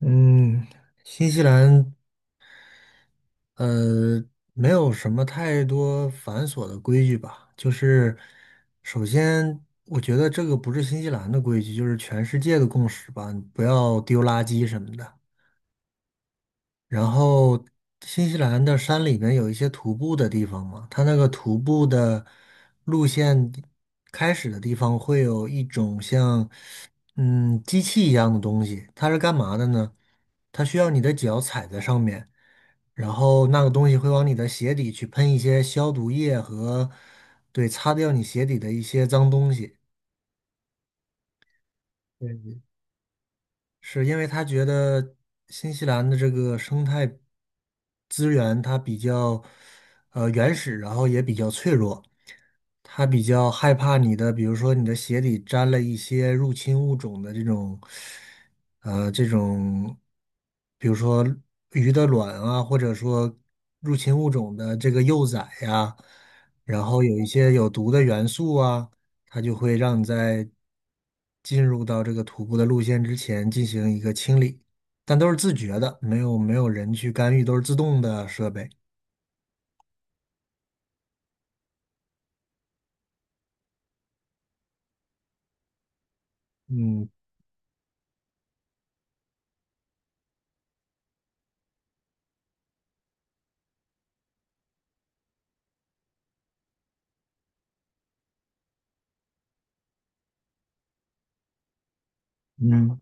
嗯，新西兰，呃，没有什么太多繁琐的规矩吧。就是，首先，我觉得这个不是新西兰的规矩，就是全世界的共识吧。你不要丢垃圾什么的。然后，新西兰的山里面有一些徒步的地方嘛，它那个徒步的路线开始的地方会有一种像机器一样的东西，它是干嘛的呢？它需要你的脚踩在上面，然后那个东西会往你的鞋底去喷一些消毒液和，对，擦掉你鞋底的一些脏东西。对，是因为他觉得新西兰的这个生态资源它比较原始，然后也比较脆弱，他比较害怕你的，比如说你的鞋底沾了一些入侵物种的这种，比如说鱼的卵啊，或者说入侵物种的这个幼崽呀、然后有一些有毒的元素啊。它就会让你在进入到这个徒步的路线之前进行一个清理，但都是自觉的，没有人去干预，都是自动的设备。嗯嗯。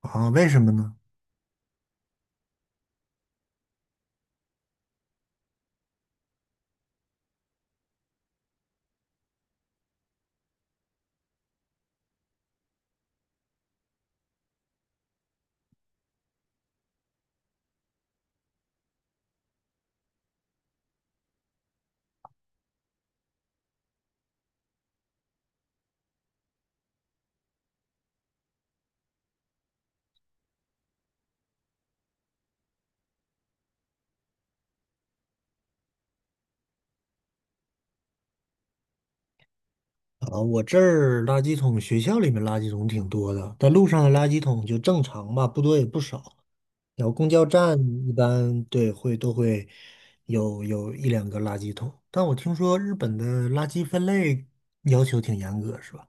啊，为什么呢？啊，我这儿垃圾桶，学校里面垃圾桶挺多的，但路上的垃圾桶就正常吧，不多也不少。然后公交站一般都会有一两个垃圾桶，但我听说日本的垃圾分类要求挺严格，是吧？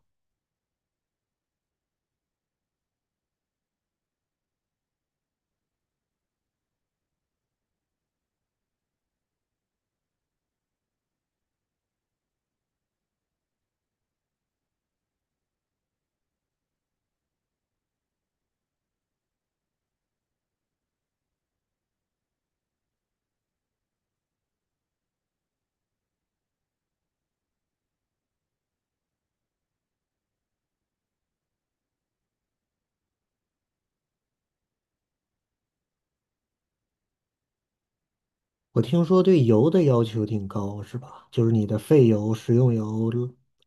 我听说对油的要求挺高，是吧？就是你的废油、食用油，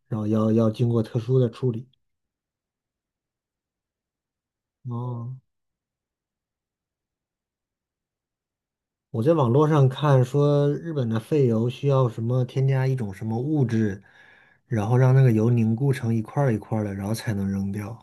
然后要经过特殊的处理。哦，我在网络上看说，日本的废油需要什么添加一种什么物质，然后让那个油凝固成一块儿一块儿的，然后才能扔掉。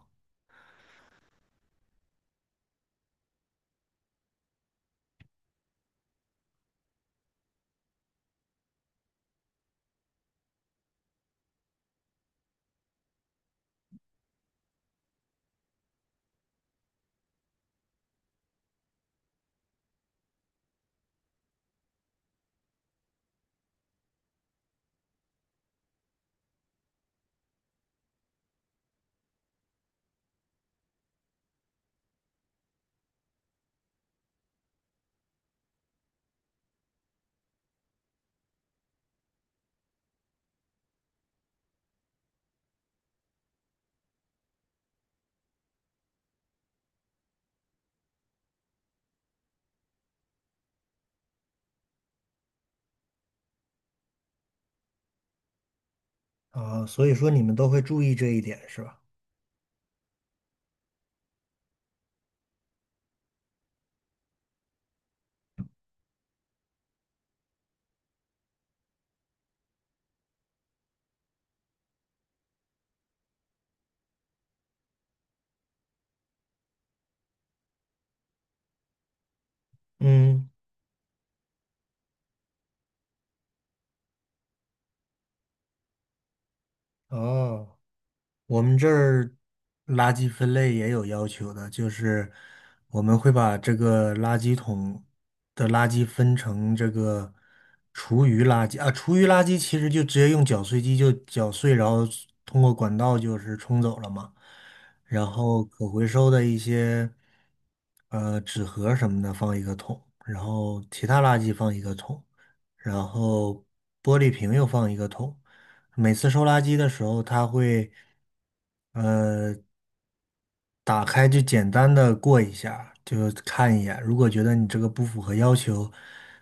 啊，所以说你们都会注意这一点，是吧？嗯。哦。我们这儿垃圾分类也有要求的，就是我们会把这个垃圾桶的垃圾分成这个厨余垃圾啊，厨余垃圾其实就直接用搅碎机就搅碎，然后通过管道就是冲走了嘛。然后可回收的一些纸盒什么的放一个桶，然后其他垃圾放一个桶，然后玻璃瓶又放一个桶。每次收垃圾的时候，他会呃打开就简单的过一下，就看一眼。如果觉得你这个不符合要求，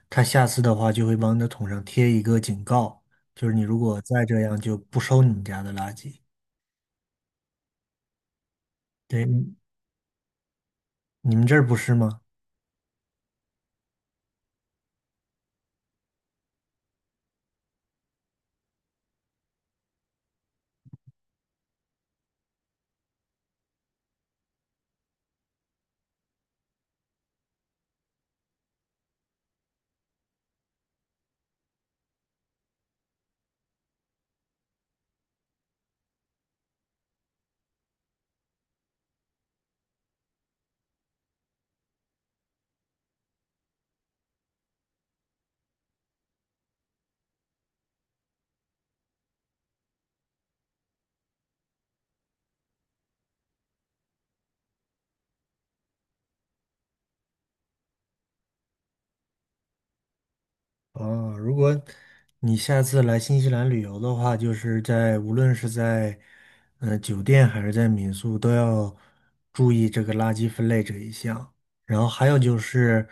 他下次的话就会往你的桶上贴一个警告，就是你如果再这样就不收你们家的垃圾。对，你们这儿不是吗？哦，如果你下次来新西兰旅游的话，就是在无论是在酒店还是在民宿，都要注意这个垃圾分类这一项。然后还有就是，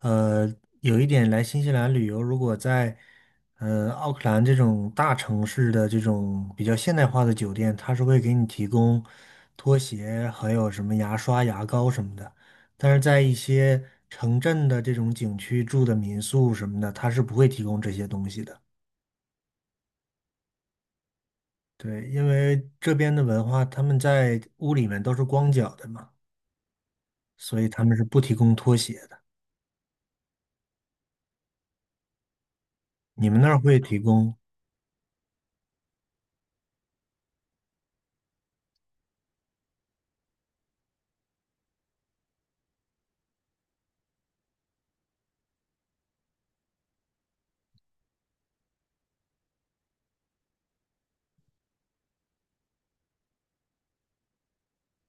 呃，有一点来新西兰旅游，如果在奥克兰这种大城市的这种比较现代化的酒店，它是会给你提供拖鞋，还有什么牙刷、牙膏什么的。但是在一些城镇的这种景区住的民宿什么的，他是不会提供这些东西的。对，因为这边的文化，他们在屋里面都是光脚的嘛，所以他们是不提供拖鞋的。你们那儿会提供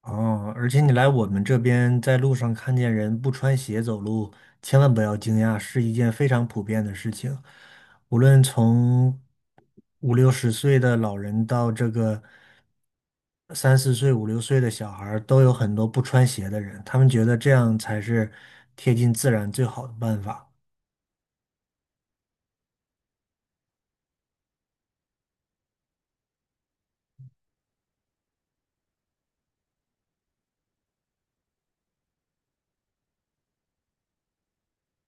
哦？而且你来我们这边，在路上看见人不穿鞋走路，千万不要惊讶，是一件非常普遍的事情。无论从五六十岁的老人到三四岁、五六岁的小孩儿都有很多不穿鞋的人，他们觉得这样才是贴近自然最好的办法。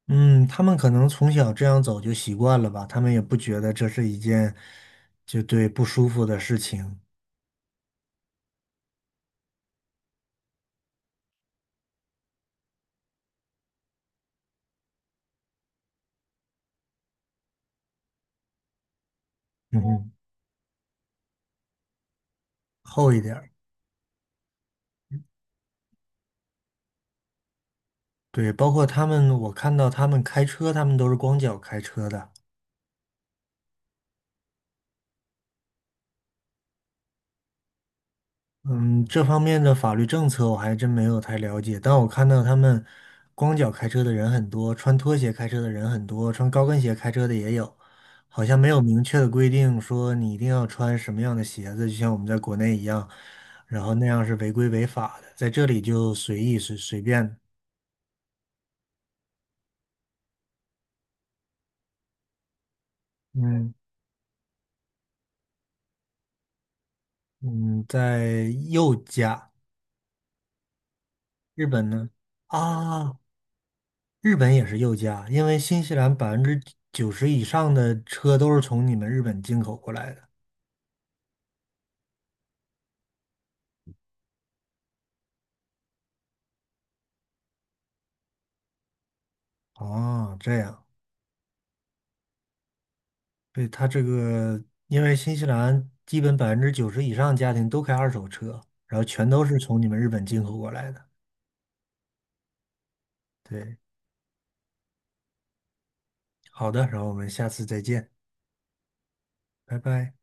嗯，他们可能从小这样走就习惯了吧，他们也不觉得这是一件就对不舒服的事情。嗯哼，厚一点儿。对，包括他们，我看到他们开车，他们都是光脚开车的。嗯，这方面的法律政策我还真没有太了解，但我看到他们光脚开车的人很多，穿拖鞋开车的人很多，穿高跟鞋开车的也有，好像没有明确的规定说你一定要穿什么样的鞋子，就像我们在国内一样，然后那样是违规违法的，在这里就随意随随便。嗯嗯，在右驾，日本呢？啊，日本也是右驾，因为新西兰百分之九十以上的车都是从你们日本进口过来的。哦，这样。对，他这个，因为新西兰基本百分之九十以上家庭都开二手车，然后全都是从你们日本进口过来的。对，好的，然后我们下次再见，拜拜。